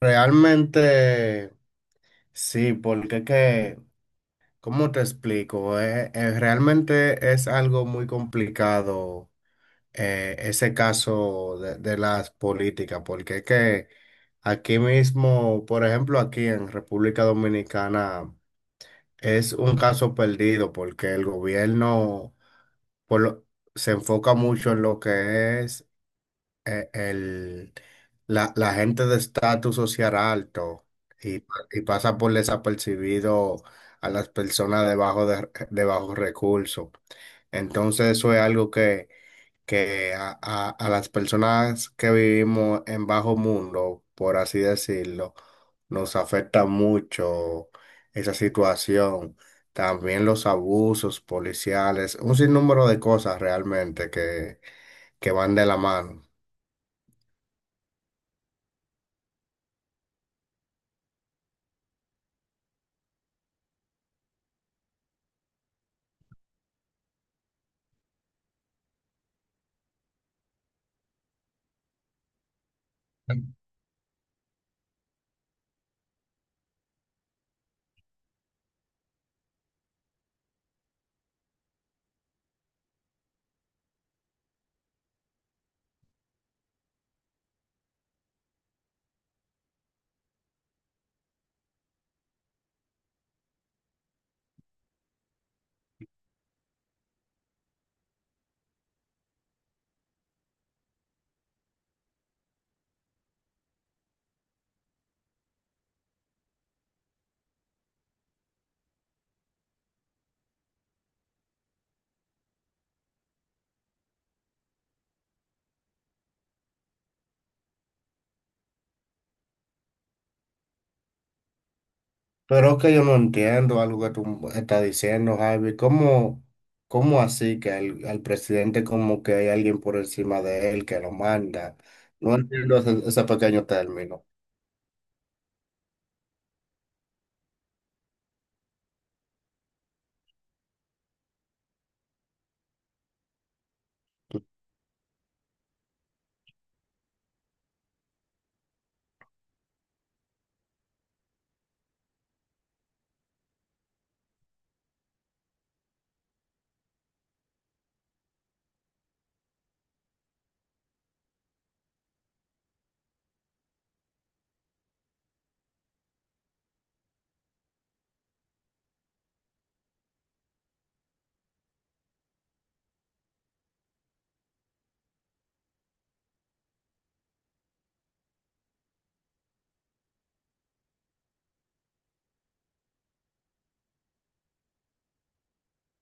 Realmente sí, porque es que, ¿cómo te explico? Realmente es algo muy complicado ese caso de las políticas, porque es que aquí mismo, por ejemplo, aquí en República Dominicana es un caso perdido porque el gobierno por lo- se enfoca mucho en lo que es eh, el, la gente de estatus social alto y, y pasa por desapercibido a las personas debajo de bajos recursos. Entonces eso es algo que a las personas que vivimos en bajo mundo, por así decirlo, nos afecta mucho esa situación. También los abusos policiales, un sinnúmero de cosas realmente que van de la mano. Pero es que yo no entiendo algo que tú estás diciendo, Javi. ¿Cómo así que al presidente como que hay alguien por encima de él que lo manda? No entiendo ese pequeño término.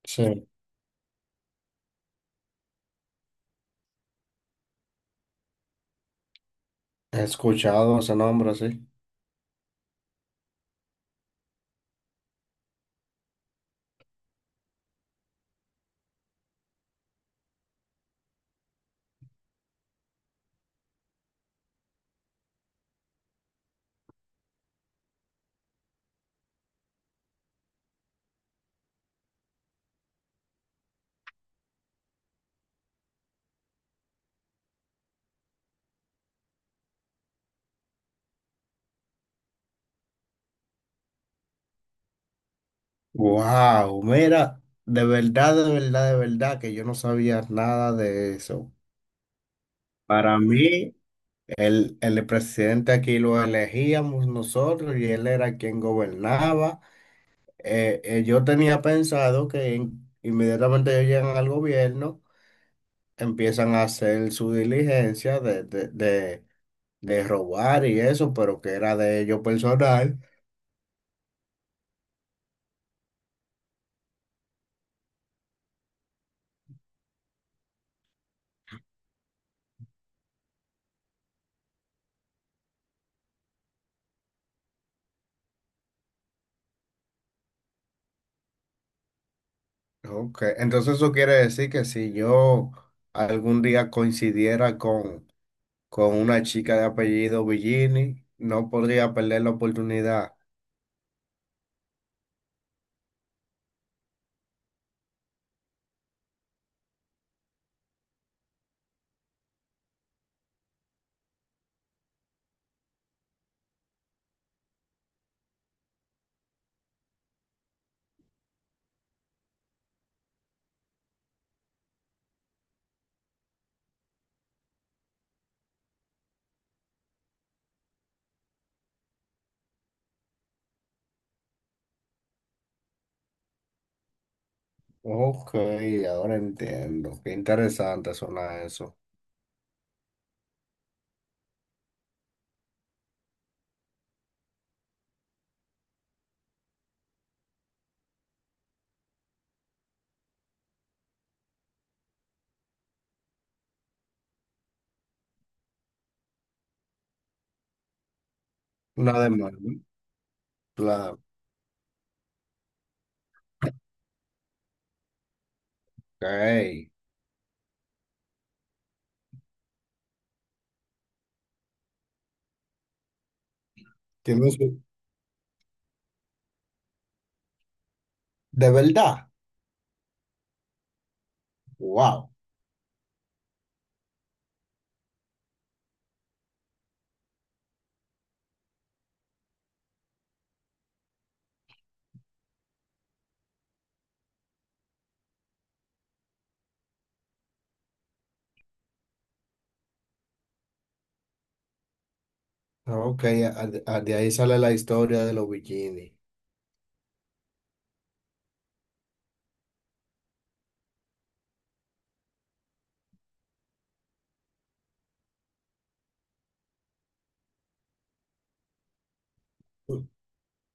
Sí. He escuchado ese nombre así. Wow, mira, de verdad, de verdad, de verdad que yo no sabía nada de eso. Para mí, el presidente aquí lo elegíamos nosotros y él era quien gobernaba. Yo tenía pensado que inmediatamente ellos llegan al gobierno, empiezan a hacer su diligencia de robar y eso, pero que era de ellos personal. Ok, entonces eso quiere decir que si yo algún día coincidiera con una chica de apellido Villini, no podría perder la oportunidad. Ok, ahora entiendo. Qué interesante suena eso. Una demanda, ¿no? Claro. Ok. Tiene su, de verdad. Wow. Ok, de ahí sale la historia de los bikinis.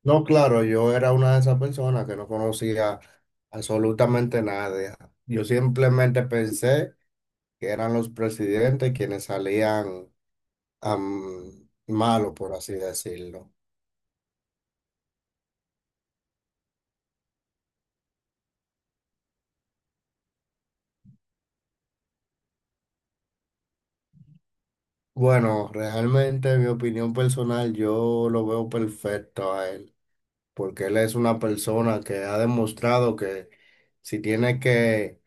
No, claro, yo era una de esas personas que no conocía absolutamente nada. Yo simplemente pensé que eran los presidentes quienes salían am, malos, por así decirlo. Bueno, realmente, en mi opinión personal, yo lo veo perfecto a él, porque él es una persona que ha demostrado que si tiene que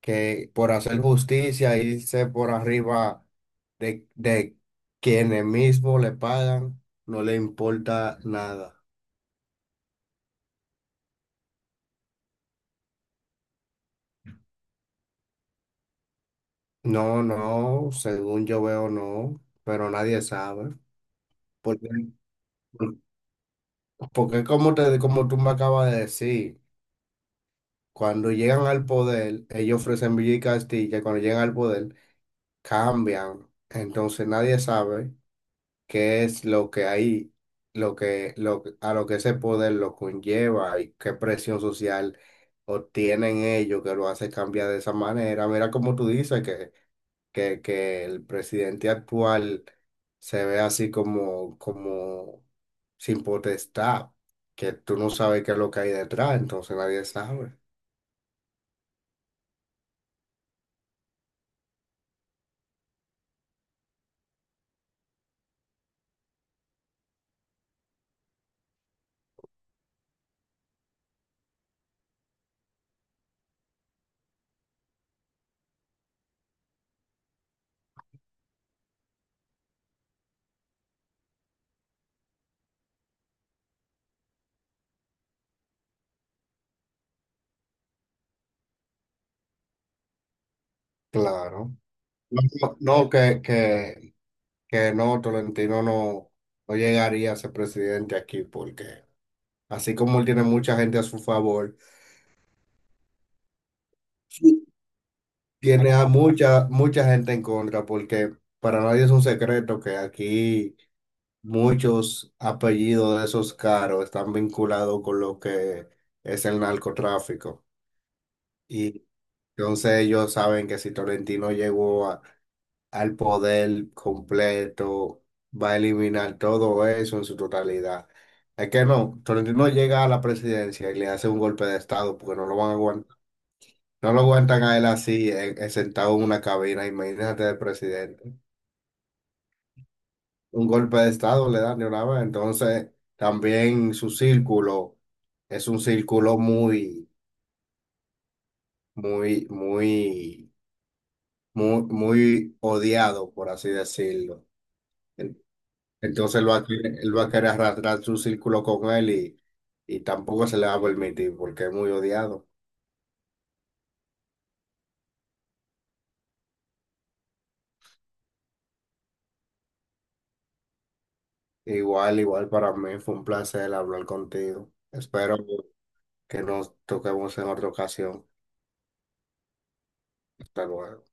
por hacer justicia, irse por arriba de quienes mismos le pagan, no le importa nada. No, no, según yo veo, no, pero nadie sabe. Porque, porque como te, como tú me acabas de decir, cuando llegan al poder, ellos ofrecen Villa y Castilla, y cuando llegan al poder, cambian. Entonces nadie sabe qué es lo que hay, lo, que- a lo que ese poder lo conlleva y qué presión social obtienen ellos que lo hace cambiar de esa manera. Mira como tú dices que el presidente actual se ve así como, como sin potestad, que tú no sabes qué es lo que hay detrás, entonces nadie sabe. Claro. No, no, no, que no, Tolentino no, no llegaría a ser presidente aquí porque... Así como él tiene mucha gente a su favor, sí, tiene a mucha, mucha gente en contra, porque para nadie es un secreto que aquí muchos apellidos de esos caros están vinculados con lo que es el narcotráfico. Y entonces ellos saben que si Tolentino al poder completo, va a eliminar todo eso en su totalidad. Es que no, Tolentino llega a la presidencia y le hace un golpe de estado porque no lo van a aguantar. No lo aguantan a él así, sentado en una cabina, imagínate el presidente. Un golpe de estado le dan de una vez. Entonces, también su círculo es un círculo muy, muy, muy, muy, muy odiado, por así decirlo. En- Entonces, él va a querer, él va a querer arrastrar su círculo con él y tampoco se le va a permitir porque es muy odiado. Igual, igual para mí fue un placer hablar contigo. Espero que nos toquemos en otra ocasión. Hasta luego.